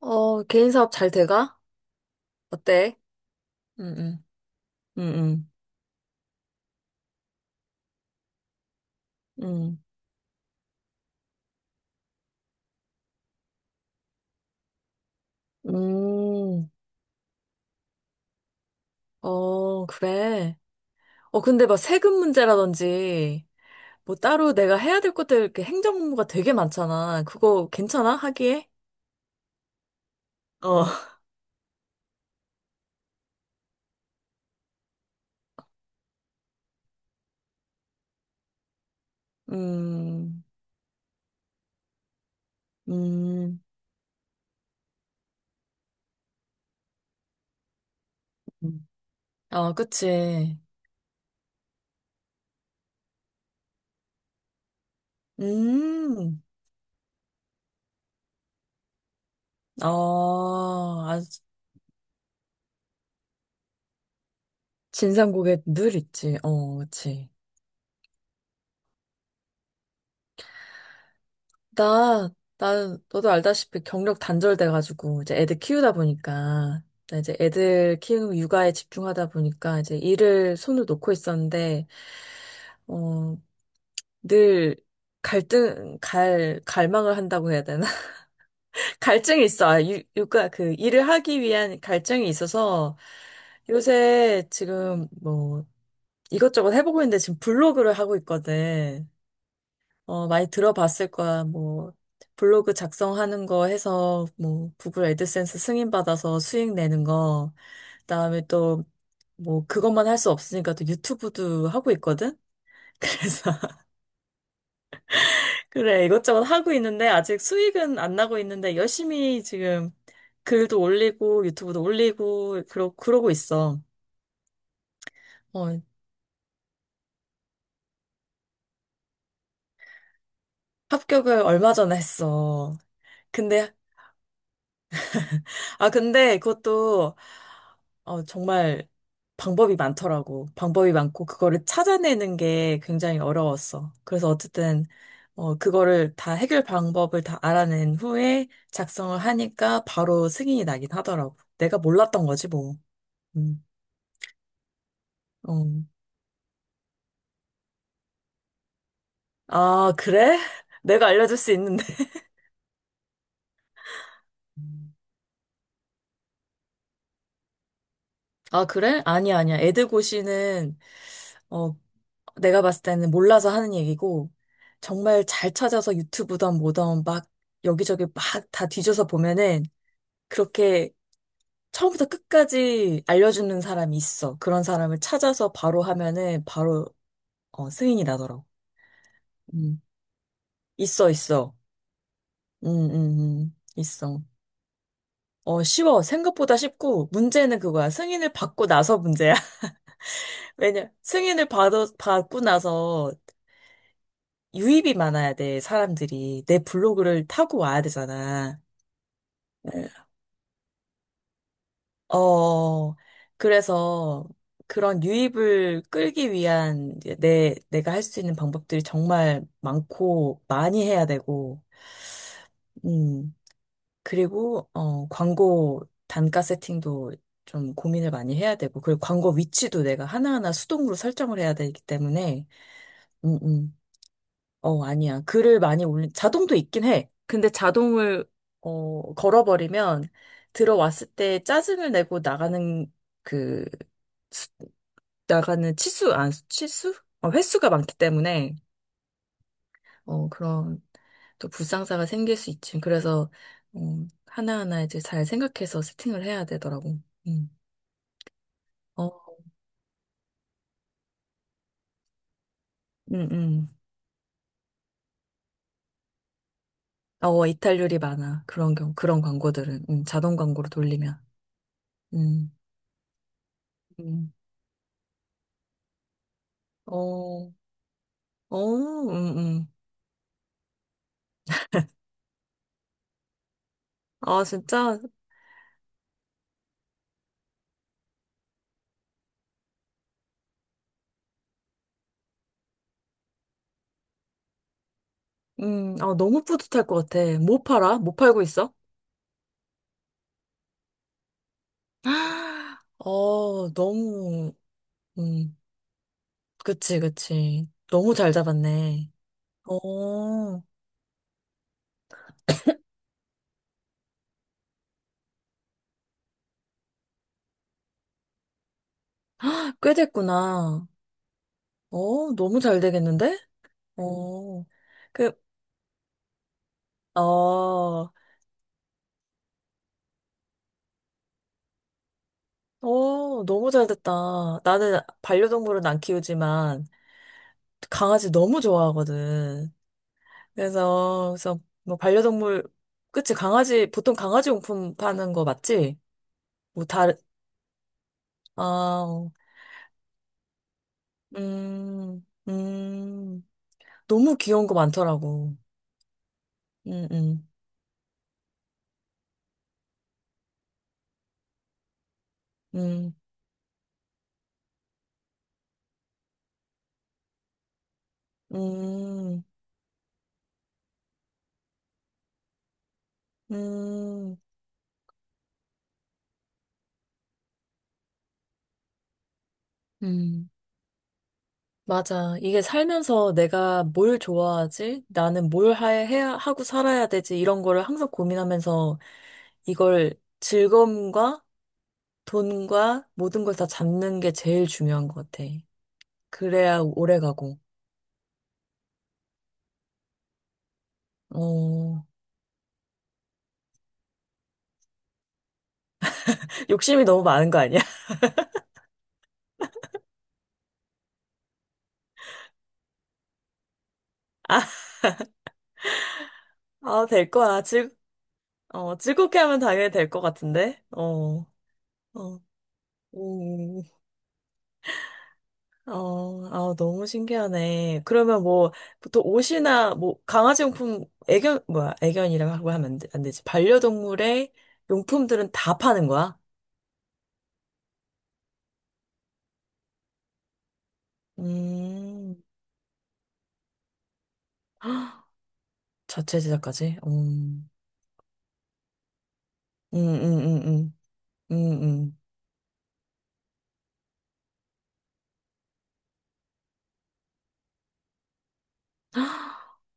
어, 개인 사업 잘 돼가? 어때? 응, 응, 응, 응, 응. 어, 그래. 어, 근데 막 세금 문제라든지, 뭐 따로 내가 해야 될 것들, 이렇게 행정 업무가 되게 많잖아. 그거 괜찮아? 하기에? 어, 음, 음. 어, 그치. 음, 어, 아, 진상 고객 늘 있지. 어, 그치. 나, 나, 너도 알다시피 경력 단절돼가지고, 이제 애들 키우다 보니까, 나 이제 애들 키우는 육아에 집중하다 보니까, 이제 일을 손을 놓고 있었는데, 어, 늘 갈망을 한다고 해야 되나? 갈증이 있어. 아, 육아, 그, 일을 하기 위한 갈증이 있어서, 요새 지금 뭐, 이것저것 해보고 있는데, 지금 블로그를 하고 있거든. 어, 많이 들어봤을 거야. 뭐, 블로그 작성하는 거 해서, 뭐, 구글 애드센스 승인받아서 수익 내는 거. 그다음에 또, 뭐, 그것만 할 수 없으니까 또 유튜브도 하고 있거든? 그래서, 그래, 이것저것 하고 있는데, 아직 수익은 안 나고 있는데, 열심히 지금 글도 올리고, 유튜브도 올리고, 그러고 있어. 어, 합격을 얼마 전에 했어. 근데, 아, 근데 그것도, 어, 정말 방법이 많더라고. 방법이 많고, 그거를 찾아내는 게 굉장히 어려웠어. 그래서 어쨌든, 어, 그거를 다 해결 방법을 다 알아낸 후에 작성을 하니까 바로 승인이 나긴 하더라고. 내가 몰랐던 거지, 뭐. 음, 어. 아, 그래? 내가 알려줄 수 있는데. 음. 아, 그래? 아니야, 아니야. 애드고시는, 어, 내가 봤을 때는 몰라서 하는 얘기고, 정말 잘 찾아서 유튜브든 뭐든 막 여기저기 막 다 뒤져서 보면은 그렇게 처음부터 끝까지 알려주는 사람이 있어. 그런 사람을 찾아서 바로 하면은 바로 어, 승인이 나더라고. 음. 있어, 있어. 음, 음, 있어. 어, 쉬워. 생각보다 쉽고, 문제는 그거야. 승인을 받고 나서 문제야. 왜냐, 받고 나서 유입이 많아야 돼, 사람들이. 내 블로그를 타고 와야 되잖아. 어, 그래서 그런 유입을 끌기 위한 이제 내가 할 수 있는 방법들이 정말 많고 많이 해야 되고, 음, 그리고, 어, 광고 단가 세팅도 좀 고민을 많이 해야 되고, 그리고 광고 위치도 내가 하나하나 수동으로 설정을 해야 되기 때문에, 음, 음, 어, 아니야. 글을 많이 올린, 자동도 있긴 해. 근데 자동을, 어, 걸어버리면 들어왔을 때 짜증을 내고 나가는 그, 나가는 치수, 아, 치수? 어, 횟수가 많기 때문에, 어, 그런 또 불상사가 생길 수 있지. 그래서, 어, 하나하나 이제 잘 생각해서 세팅을 해야 되더라고. 음. 어, 음, 음. 어, 이탈률이 많아. 그런 경우, 그런 광고들은. 자동 광고로 돌리면. 음, 음. 어, 어, 아, 진짜, 아, 너무 뿌듯할 것 같아. 뭐 팔아? 뭐 팔고 있어? 어, 너무, 음. 그치, 그치. 너무 잘 잡았네. 어, 꽤 됐구나. 어, 너무 잘 되겠는데? 어, 그, 어, 어, 너무 잘 됐다. 나는 반려동물은 안 키우지만 강아지 너무 좋아하거든. 그래서, 그래서 뭐 반려동물, 그치, 강아지, 보통 강아지 용품 파는 거 맞지? 뭐 다른, 아, 어, 음, 음, 너무 귀여운 거 많더라고. 음, 음, 음. 음, 음, 음. 맞아. 이게 살면서 내가 뭘 좋아하지? 나는 뭘 해야, 하고 살아야 되지? 이런 거를 항상 고민하면서 이걸 즐거움과 돈과 모든 걸 다 잡는 게 제일 중요한 것 같아. 그래야 오래 가고. 어, 욕심이 너무 많은 거 아니야? 아, 될 거야. 어, 즐겁게 하면 당연히 될 것 같은데? 어, 어, 음. 어, 아, 너무 신기하네. 그러면 뭐, 보통 옷이나, 뭐, 강아지 용품, 애견, 뭐야, 애견이라고 하고 하면 안 되지. 반려동물의 용품들은 다 파는 거야? 음, 헉, 자체 제작까지? 음, 음, 음, 음, 음, 음.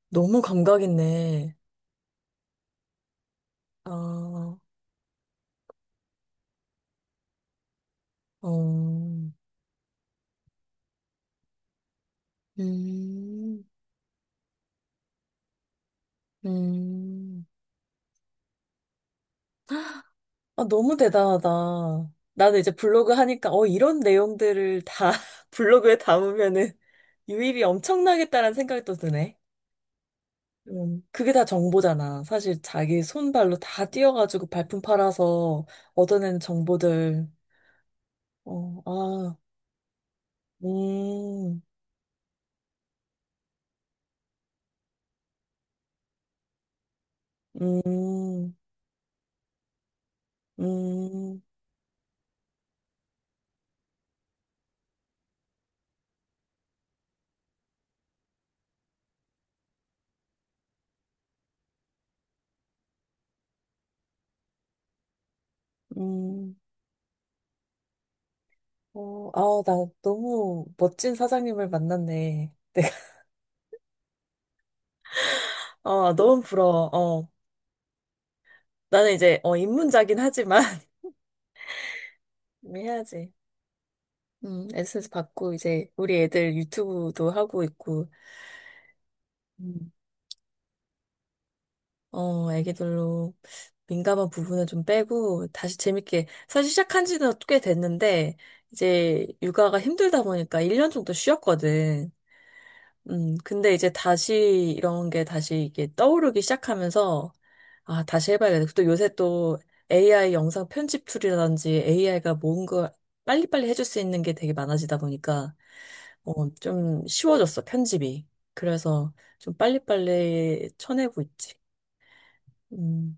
너무 감각 있네. 아, 어, 음, 음. 음. 아, 너무 대단하다. 나는 이제 블로그 하니까, 어, 이런 내용들을 다 블로그에 담으면은 유입이 엄청나겠다라는 생각이 또 드네. 그게 다 정보잖아. 사실 자기 손발로 다 뛰어가지고 발품 팔아서 얻어낸 정보들. 어, 아, 음, 음, 음, 음. 어, 아, 나 너무 멋진 사장님을 만났네. 내가, 어, 너무 부러워. 어, 나는 이제, 어, 입문자긴 하지만. 해야지. 에센스 받고 이제 우리 애들 유튜브도 하고 있고, 음. 어, 애기들로 민감한 부분은 좀 빼고 다시 재밌게 사실 시작한 지는 꽤 됐는데 이제 육아가 힘들다 보니까 1년 정도 쉬었거든. 근데 이제 다시 이런 게 다시 이게 떠오르기 시작하면서 아, 다시 해봐야겠다. 또 요새 또 AI 영상 편집 툴이라든지 AI가 뭔가 빨리빨리 해줄 수 있는 게 되게 많아지다 보니까 어, 좀 쉬워졌어, 편집이. 그래서 좀 빨리빨리 쳐내고 있지. 음.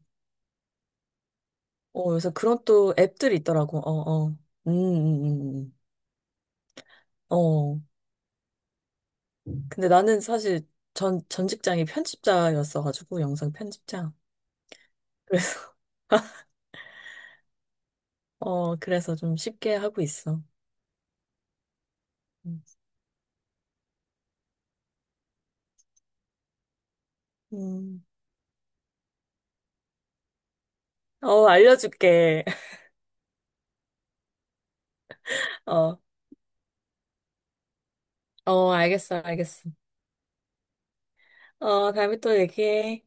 어, 그래서 그런 또 앱들이 있더라고. 어, 어. 음, 음, 음. 음. 어. 근데 나는 사실 전 직장이 편집자였어가지고, 영상 편집자. 그래서, 어, 그래서 좀 쉽게 하고 있어. 음. 음. 어, 알려줄게. 어, 어, 알겠어, 알겠어. 어, 다음에 또 얘기해.